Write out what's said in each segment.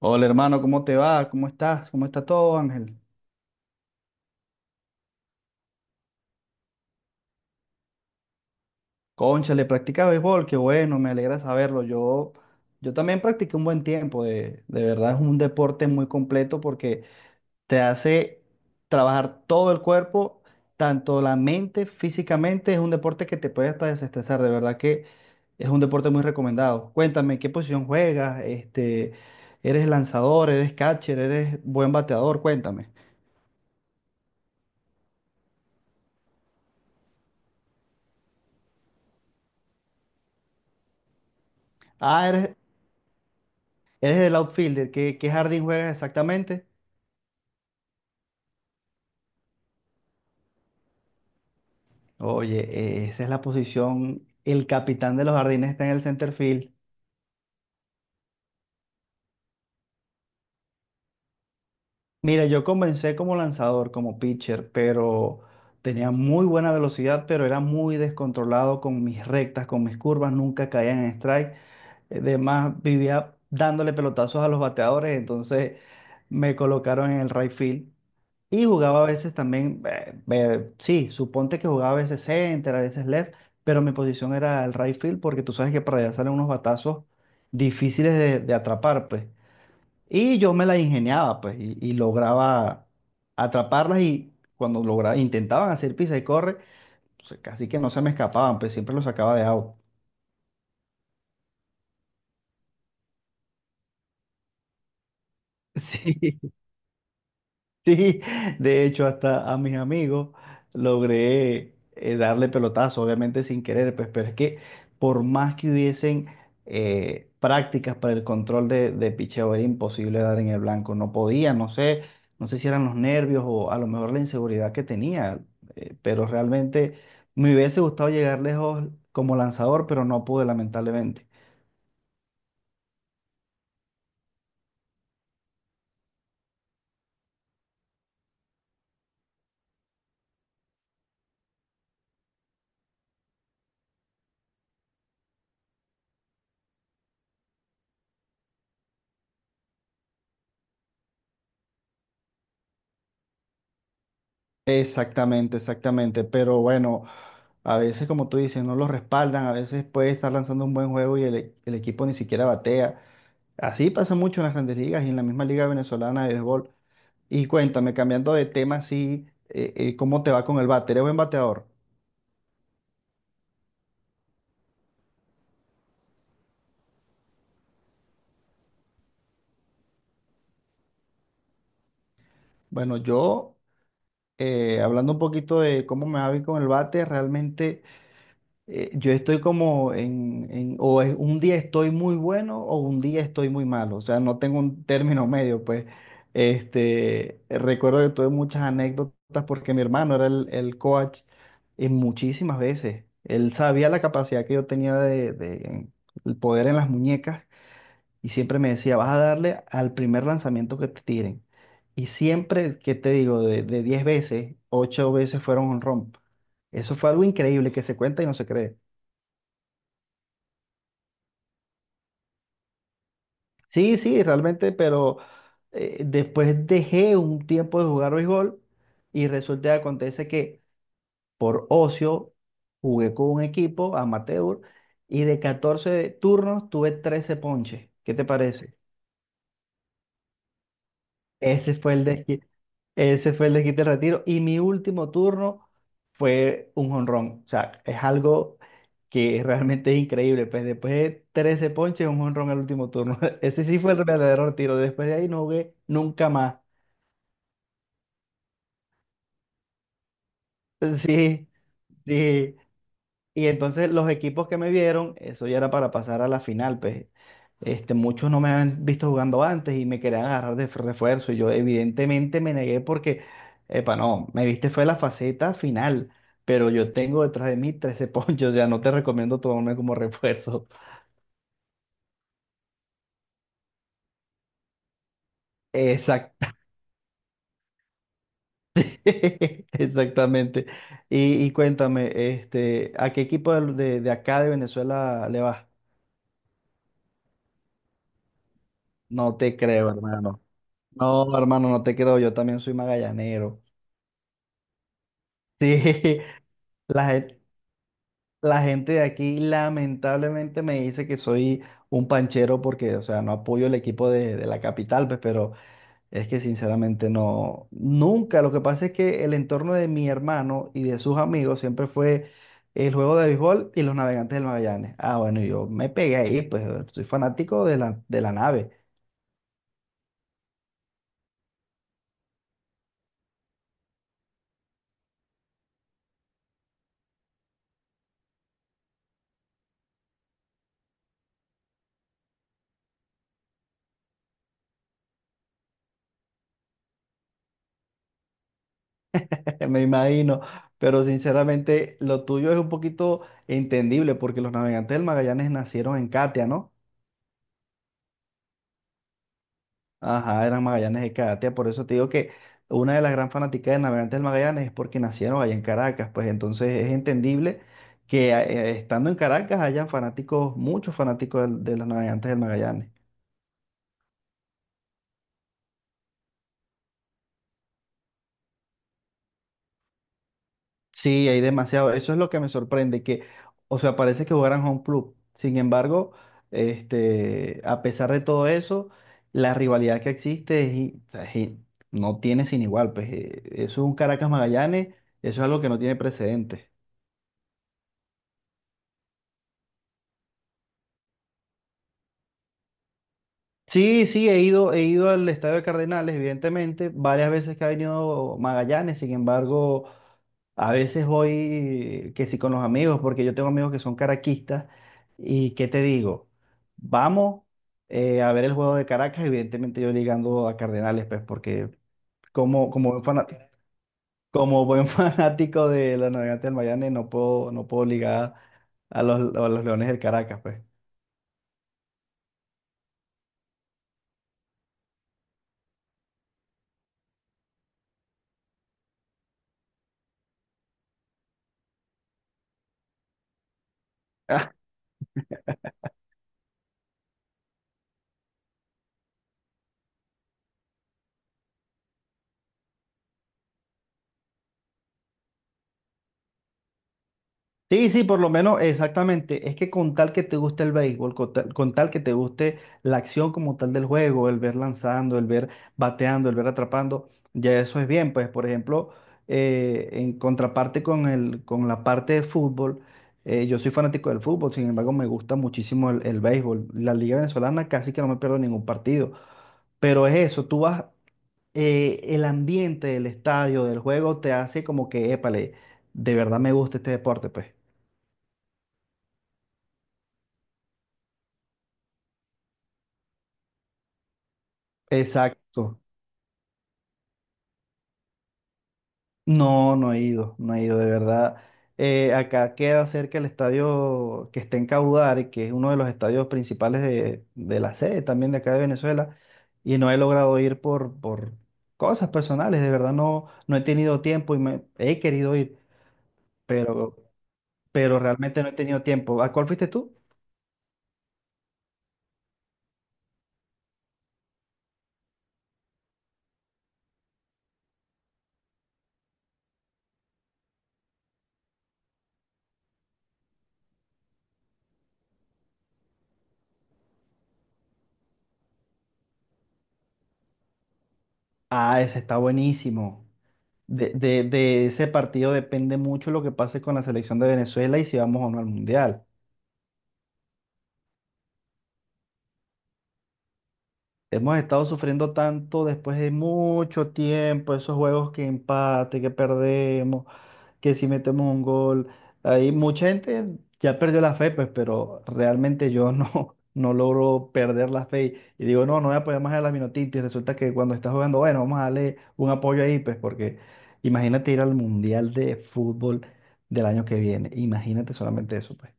Hola hermano, ¿cómo te va? ¿Cómo estás? ¿Cómo está todo, Ángel? Cónchale, practicas béisbol, qué bueno, me alegra saberlo. Yo también practiqué un buen tiempo, de verdad es un deporte muy completo porque te hace trabajar todo el cuerpo, tanto la mente, físicamente, es un deporte que te puede hasta desestresar, de verdad que es un deporte muy recomendado. Cuéntame, ¿qué posición juegas? Este, ¿eres lanzador, eres catcher, eres buen bateador? Cuéntame. Ah, eres ¿Eres el outfielder? ¿Qué jardín juegas exactamente? Oye, esa es la posición. El capitán de los jardines está en el center field. Mira, yo comencé como lanzador, como pitcher, pero tenía muy buena velocidad, pero era muy descontrolado con mis rectas, con mis curvas, nunca caía en strike. Además, vivía dándole pelotazos a los bateadores, entonces me colocaron en el right field. Y jugaba a veces también, sí, suponte que jugaba a veces center, a veces left, pero mi posición era el right field porque tú sabes que para allá salen unos batazos difíciles de atrapar, pues. Y yo me la ingeniaba, pues, y lograba atraparlas y cuando lograba, intentaban hacer pisa y corre, pues, casi que no se me escapaban, pues siempre los sacaba de out. Sí. Sí, de hecho, hasta a mis amigos logré darle pelotazo, obviamente sin querer, pues, pero es que por más que hubiesen prácticas para el control de picheo, era imposible dar en el blanco, no podía, no sé, no sé si eran los nervios o a lo mejor la inseguridad que tenía, pero realmente me hubiese gustado llegar lejos como lanzador, pero no pude, lamentablemente. Exactamente, exactamente. Pero bueno, a veces, como tú dices, no los respaldan. A veces puede estar lanzando un buen juego y el equipo ni siquiera batea. Así pasa mucho en las grandes ligas y en la misma Liga Venezolana de Béisbol. Y cuéntame, cambiando de tema, así, ¿cómo te va con el bate? ¿Eres buen bateador? Bueno, hablando un poquito de cómo me va a ir con el bate, realmente. Yo estoy como un día estoy muy bueno o un día estoy muy malo, o sea, no tengo un término medio, pues, este, recuerdo que tuve muchas anécdotas porque mi hermano era el coach en muchísimas veces, él sabía la capacidad que yo tenía el poder en las muñecas y siempre me decía, vas a darle al primer lanzamiento que te tiren. Y siempre, ¿qué te digo? De 10 veces, 8 veces fueron un romp. Eso fue algo increíble que se cuenta y no se cree. Sí, sí, realmente, pero después dejé un tiempo de jugar béisbol y resulta que acontece que por ocio jugué con un equipo amateur y de 14 turnos tuve 13 ponches. ¿Qué te parece? Ese fue el desquite, ese fue el desquite del retiro. Y mi último turno fue un jonrón. O sea, es algo que realmente es increíble. Pues después de 13 ponches, un jonrón al último turno. Ese sí fue el verdadero retiro. Después de ahí no jugué nunca más. Sí, sí. Y entonces los equipos que me vieron, eso ya era para pasar a la final, pues este, muchos no me habían visto jugando antes y me querían agarrar de refuerzo. Y yo evidentemente me negué porque, epa, no, me viste fue la faceta final, pero yo tengo detrás de mí 13 ponchos, ya no te recomiendo tomarme como refuerzo. Exact Exactamente. Y cuéntame, este, ¿a qué equipo de acá de Venezuela le vas? No te creo, hermano. No, hermano, no te creo, yo también soy magallanero. Sí, la, gen- la gente de aquí lamentablemente me dice que soy un panchero porque, o sea, no apoyo el equipo de la capital, pues, pero es que sinceramente no, nunca. Lo que pasa es que el entorno de mi hermano y de sus amigos siempre fue el juego de béisbol y los navegantes del Magallanes. Ah, bueno, yo me pegué ahí, pues soy fanático de de la nave, me imagino. Pero sinceramente lo tuyo es un poquito entendible porque los navegantes del Magallanes nacieron en Catia, ¿no? Ajá, eran Magallanes de Catia, por eso te digo que una de las gran fanáticas de Navegantes del Magallanes es porque nacieron allá en Caracas, pues entonces es entendible que estando en Caracas hayan fanáticos, muchos fanáticos de los Navegantes del Magallanes. Sí, hay demasiado, eso es lo que me sorprende, que, o sea, parece que jugaran home club, sin embargo, este, a pesar de todo eso, la rivalidad que existe o sea, no tiene sin igual, pues eso es un Caracas Magallanes, eso es algo que no tiene precedentes. Sí, sí, he ido al Estadio de Cardenales, evidentemente, varias veces que ha venido Magallanes, sin embargo, a veces voy que sí con los amigos, porque yo tengo amigos que son caraquistas, y ¿qué te digo? Vamos a ver el juego de Caracas, evidentemente yo ligando a Cardenales, pues, porque como buen fanático, como buen fanático de los Navegantes del Magallanes, no puedo, no puedo ligar a a los Leones del Caracas, pues. Sí, sí, por lo menos, exactamente. Es que con tal que te guste el béisbol, con tal que te guste la acción como tal del juego, el ver lanzando, el ver bateando, el ver atrapando, ya eso es bien. Pues, por ejemplo, en contraparte con con la parte de fútbol, yo soy fanático del fútbol, sin embargo, me gusta muchísimo el béisbol. La Liga Venezolana casi que no me pierdo ningún partido. Pero es eso, tú vas, el ambiente del estadio, del juego, te hace como que, épale, de verdad me gusta este deporte, pues. Exacto. No, no he ido, no he ido, de verdad. Acá queda cerca el estadio que está en Caudar, que es uno de los estadios principales de la sede también de acá de Venezuela, y no he logrado ir por cosas personales, de verdad no, no he tenido tiempo y me, he querido ir, pero, pero realmente no he tenido tiempo. ¿A cuál fuiste tú? Ah, ese está buenísimo. De ese partido depende mucho lo que pase con la selección de Venezuela y si vamos o no al mundial. Hemos estado sufriendo tanto después de mucho tiempo, esos juegos que empate, que perdemos, que si metemos un gol. Ahí mucha gente ya perdió la fe, pues, pero realmente yo no, no logro perder la fe. Y digo, no, no voy a apoyar más a la Minotinti. Y resulta que cuando estás jugando, bueno, vamos a darle un apoyo ahí, pues, porque imagínate ir al Mundial de Fútbol del año que viene. Imagínate solamente eso, pues.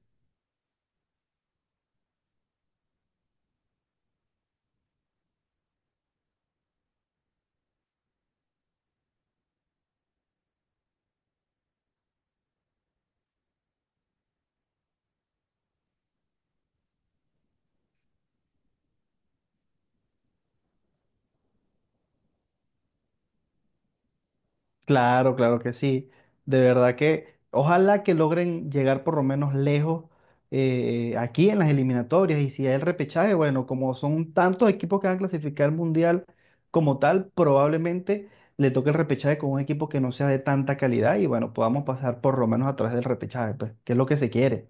Claro, claro que sí. De verdad que ojalá que logren llegar por lo menos lejos aquí en las eliminatorias y si hay el repechaje, bueno, como son tantos equipos que van a clasificar al mundial como tal, probablemente le toque el repechaje con un equipo que no sea de tanta calidad y bueno, podamos pasar por lo menos a través del repechaje, pues, que es lo que se quiere.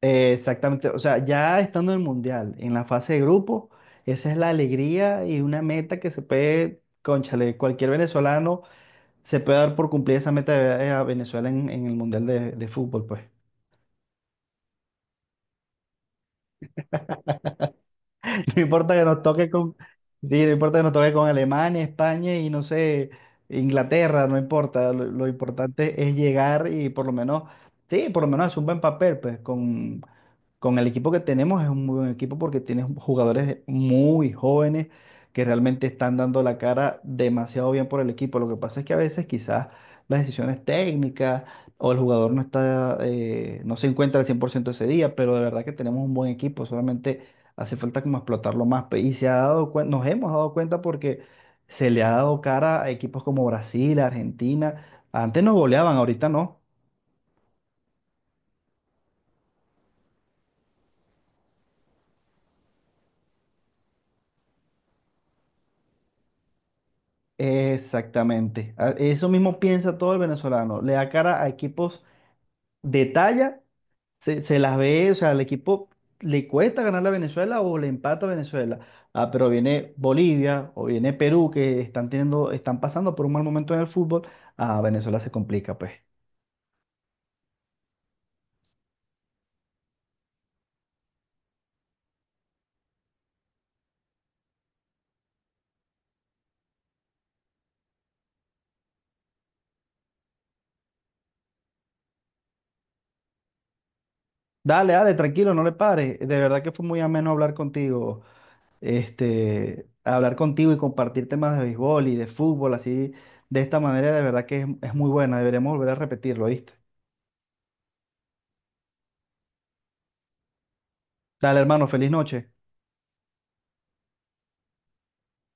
Exactamente, o sea, ya estando en el mundial, en la fase de grupo, esa es la alegría y una meta que se puede, cónchale, cualquier venezolano se puede dar por cumplir esa meta de ver a Venezuela en el Mundial de Fútbol, pues. No importa que nos toque con, sí, no importa que nos toque con Alemania, España y no sé, Inglaterra, no importa. Lo importante es llegar y por lo menos, sí, por lo menos hacer un buen papel, pues, con el equipo que tenemos es un muy buen equipo porque tienes jugadores muy jóvenes que realmente están dando la cara demasiado bien por el equipo. Lo que pasa es que a veces quizás las decisiones técnicas o el jugador no está, no se encuentra al 100% ese día, pero de verdad que tenemos un buen equipo, solamente hace falta como explotarlo más. Y se ha nos hemos dado cuenta porque se le ha dado cara a equipos como Brasil, Argentina. Antes nos goleaban, ahorita no. Exactamente. Eso mismo piensa todo el venezolano. Le da cara a equipos de talla, se las ve, o sea, al equipo le cuesta ganar a Venezuela o le empata a Venezuela. Ah, pero viene Bolivia o viene Perú que están teniendo, están pasando por un mal momento en el fútbol. A Venezuela se complica, pues. Dale, dale, tranquilo, no le pares. De verdad que fue muy ameno hablar contigo. Este, hablar contigo y compartir temas de béisbol y de fútbol, así, de esta manera, de verdad que es muy buena. Deberíamos volver a repetirlo, ¿viste? Dale, hermano, feliz noche.